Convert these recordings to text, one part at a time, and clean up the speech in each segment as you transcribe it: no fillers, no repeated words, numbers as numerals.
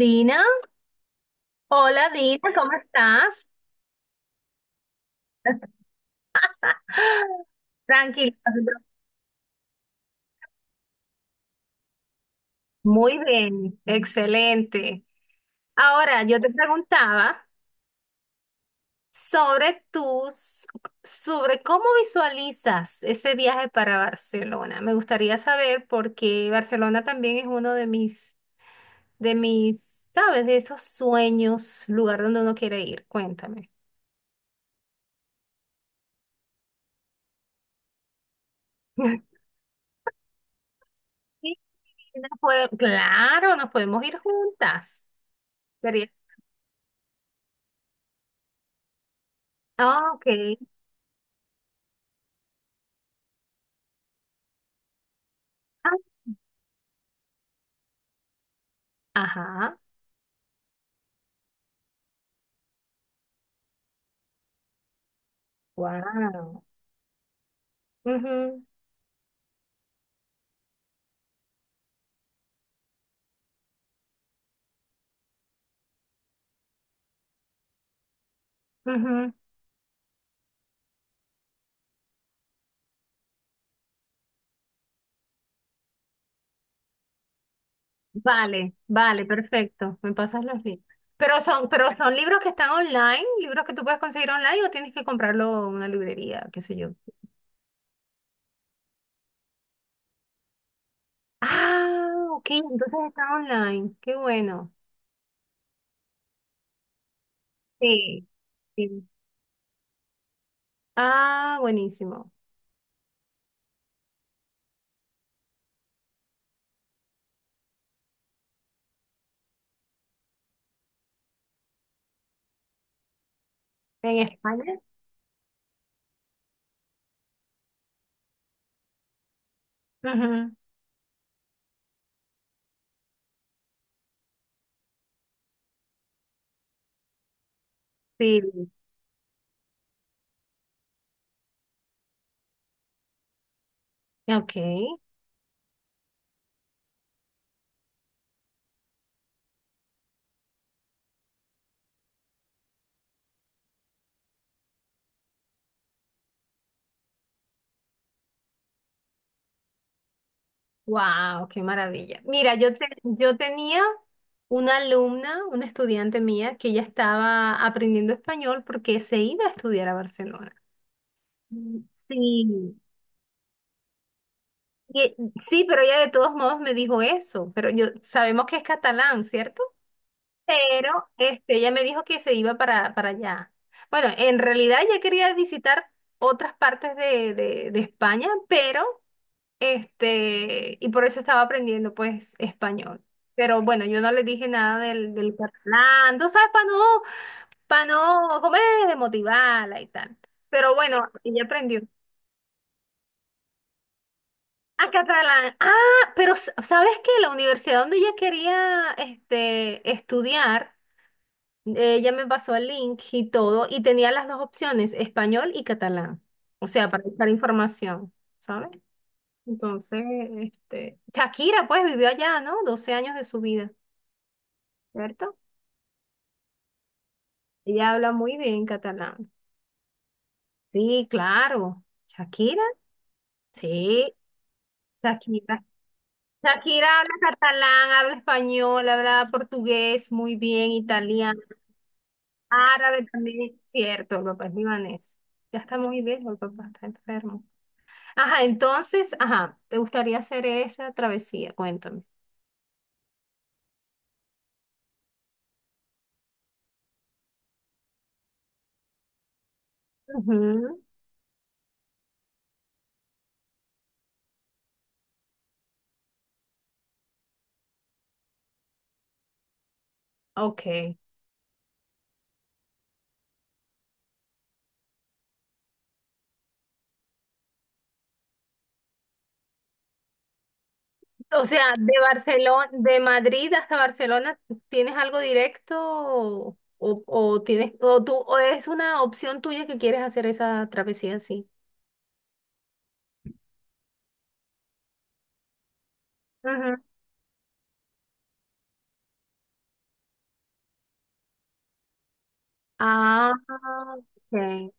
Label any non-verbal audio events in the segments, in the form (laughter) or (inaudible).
Dina, hola Dina, ¿cómo estás? (laughs) Tranquila, muy bien, excelente. Ahora, yo te preguntaba sobre tus, sobre cómo visualizas ese viaje para Barcelona. Me gustaría saber porque Barcelona también es uno de mis, ¿sabes? De esos sueños, lugar donde uno quiere ir. Cuéntame. (laughs) Sí, claro, nos podemos ir juntas. Sería. Ah, ok. Ah, ajá. Wow. Ujú, ujú. Vale, vale, perfecto. Me pasas los libros. Pero son libros que están online, libros que tú puedes conseguir online o tienes que comprarlo en una librería, qué sé yo. Ah, ok, entonces está online. Qué bueno. Sí, sí. Ah, buenísimo. ¿En España? Ujú. Sí. Ok. Wow, qué maravilla. Mira, yo tenía una alumna, una estudiante mía, que ya estaba aprendiendo español porque se iba a estudiar a Barcelona. Mm. Sí, y- sí, pero ella de todos modos me dijo eso. Pero yo sabemos que es catalán, ¿cierto? Pero este, ella me dijo que se iba para allá. Bueno, en realidad ella quería visitar otras partes de España, pero este, y por eso estaba aprendiendo pues español. Pero bueno, yo no le dije nada del catalán, tú sabes, para no, como es motivarla y tal. Pero bueno, ella aprendió. Ah, catalán. Ah, pero ¿sabes qué? La universidad donde ella quería este, estudiar, ella me pasó el link y todo, y tenía las dos opciones, español y catalán. O sea, para buscar información, ¿sabes? Entonces, este, Shakira pues vivió allá, ¿no? 12 años de su vida, ¿cierto? Ella habla muy bien catalán. Sí, claro. Shakira, sí, Shakira. Shakira habla catalán, habla español, habla portugués muy bien, italiano, árabe también, es cierto, el papá es libanés. Ya está muy viejo, el papá está enfermo. Ajá, entonces, ajá, ¿te gustaría hacer esa travesía? Cuéntame. Ujú. Ok. O sea, de Barcelona, de Madrid hasta Barcelona, ¿tienes algo directo o tienes o tú o es una opción tuya que quieres hacer esa travesía así? Ujú. Ah, ok.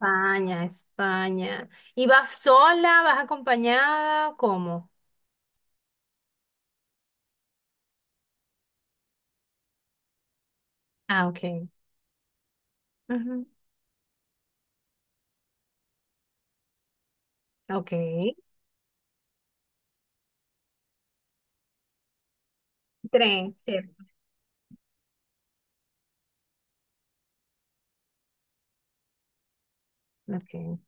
España, España. ¿Y vas sola, vas acompañada? ¿Cómo? Ah, ok. Ujú. Ok. Tren, cierto. Ok.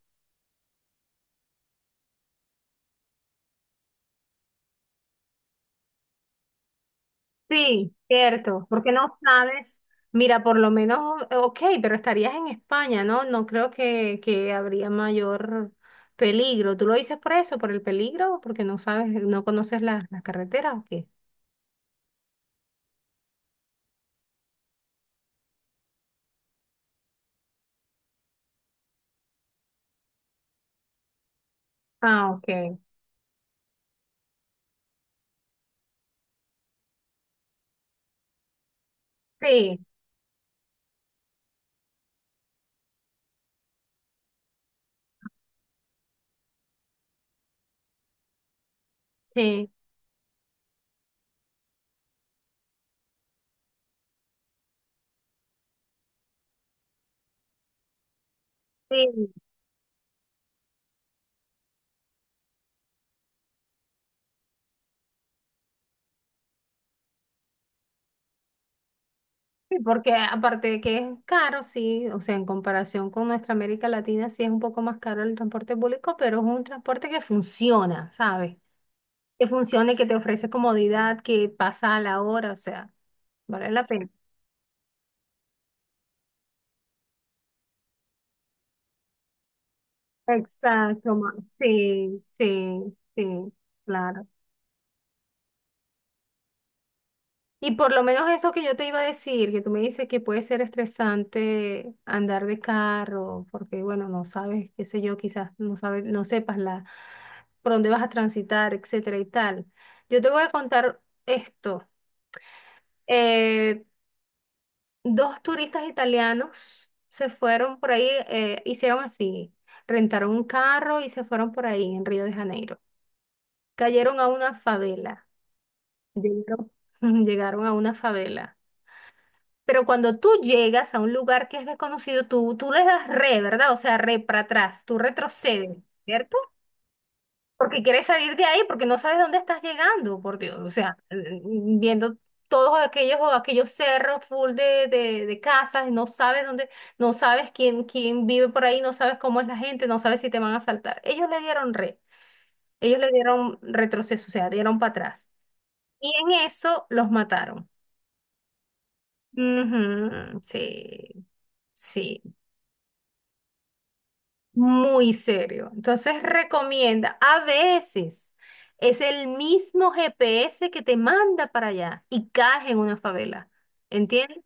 Sí, cierto, porque no sabes, mira, por lo menos, ok, pero estarías en España, ¿no? No creo que habría mayor peligro. ¿Tú lo dices por eso, por el peligro, o porque no sabes, no conoces la, la carretera o qué? Ah, ok. Sí, sí, sí, sí, porque aparte de que es caro, sí, o sea, en comparación con nuestra América Latina, sí es un poco más caro el transporte público, pero es un transporte que funciona, ¿sabes? Que funcione, que te ofrece comodidad, que pasa a la hora, o sea, vale la pena. Exacto, sí, sí, sí, claro. Y por lo menos eso que yo te iba a decir, que tú me dices que puede ser estresante andar de carro, porque bueno, no sabes, qué sé yo, quizás no sabes, no sepas la, por dónde vas a transitar, etcétera y tal. Yo te voy a contar esto. Eh, dos turistas italianos se fueron por ahí, hicieron así, rentaron un carro y se fueron por ahí en Río de Janeiro. Cayeron a una favela, llegaron, (laughs) llegaron a una favela. Pero cuando tú llegas a un lugar que es desconocido, tú les das re, ¿verdad? O sea, re para atrás, tú retrocedes, ¿cierto? Porque quieres salir de ahí, porque no sabes dónde estás llegando, por Dios. O sea, viendo todos aquellos cerros full de casas, no sabes dónde, no sabes quién vive por ahí, no sabes cómo es la gente, no sabes si te van a asaltar. Ellos le dieron re, ellos le dieron retroceso, o sea, dieron para atrás. Y en eso los mataron. Ujú, sí, sí. Muy serio. Entonces recomienda, a veces es el mismo GPS que te manda para allá y caes en una favela, ¿entiendes?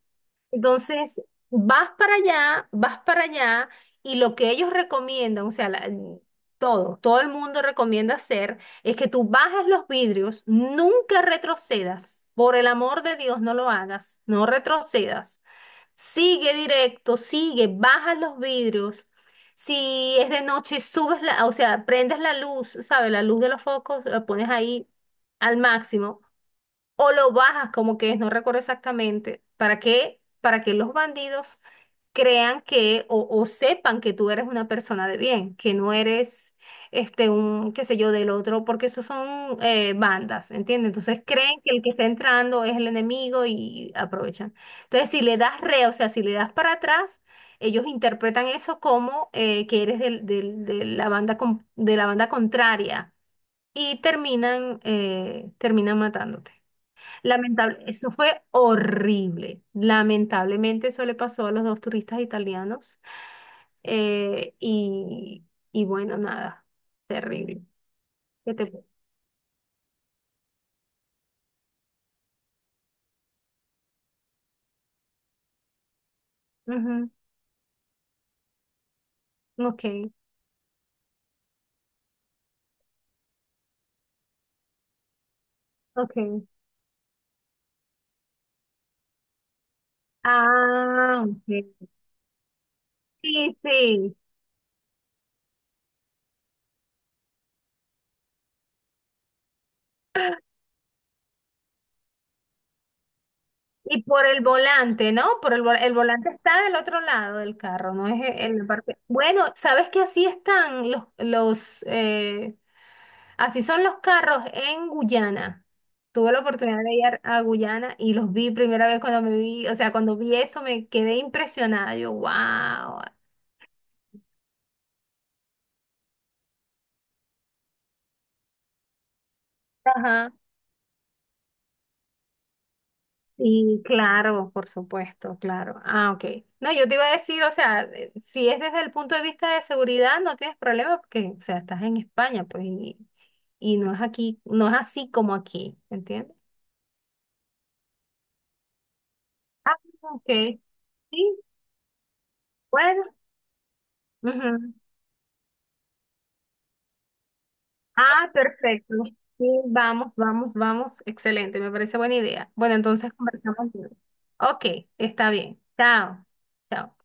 Entonces vas para allá y lo que ellos recomiendan, o sea, todo, todo el mundo recomienda hacer es que tú bajes los vidrios, nunca retrocedas. Por el amor de Dios, no lo hagas, no retrocedas. Sigue directo, sigue, baja los vidrios. Si es de noche, subes la, o sea, prendes la luz, ¿sabes? La luz de los focos, la pones ahí al máximo o lo bajas como que es, no recuerdo exactamente. ¿Para qué? Para que los bandidos crean que o sepan que tú eres una persona de bien, que no eres este un, qué sé yo, del otro, porque esos son bandas, ¿entiendes? Entonces creen que el que está entrando es el enemigo y aprovechan. Entonces, si le das re, o sea, si le das para atrás, ellos interpretan eso como que eres de la de la banda contraria y terminan, terminan matándote. Lamentable, eso fue horrible. Lamentablemente eso le pasó a los dos turistas italianos. Eh, y, y bueno, nada, terrible. ¿Qué te... Ujú, ok, ok. Ah, ok. Sí, sí. Y por el volante, ¿no? Por el volante está del otro lado del carro, no es en la parte. Bueno, ¿sabes que así están los así son los carros en Guyana. Tuve la oportunidad de ir a Guyana y los vi primera vez cuando me vi, o sea, cuando vi eso me quedé impresionada. Yo, wow. Ajá. Y claro, por supuesto, claro. Ah, ok. No, yo te iba a decir, o sea, si es desde el punto de vista de seguridad, no tienes problema porque, o sea, estás en España, pues, y no es aquí, no es así como aquí, ¿entiendes? Ah, ok. Sí, bueno. Ujú. Ah, perfecto. Sí, vamos, vamos, vamos. Excelente, me parece buena idea. Bueno, entonces conversamos luego. Ok, está bien. Chao. Chao.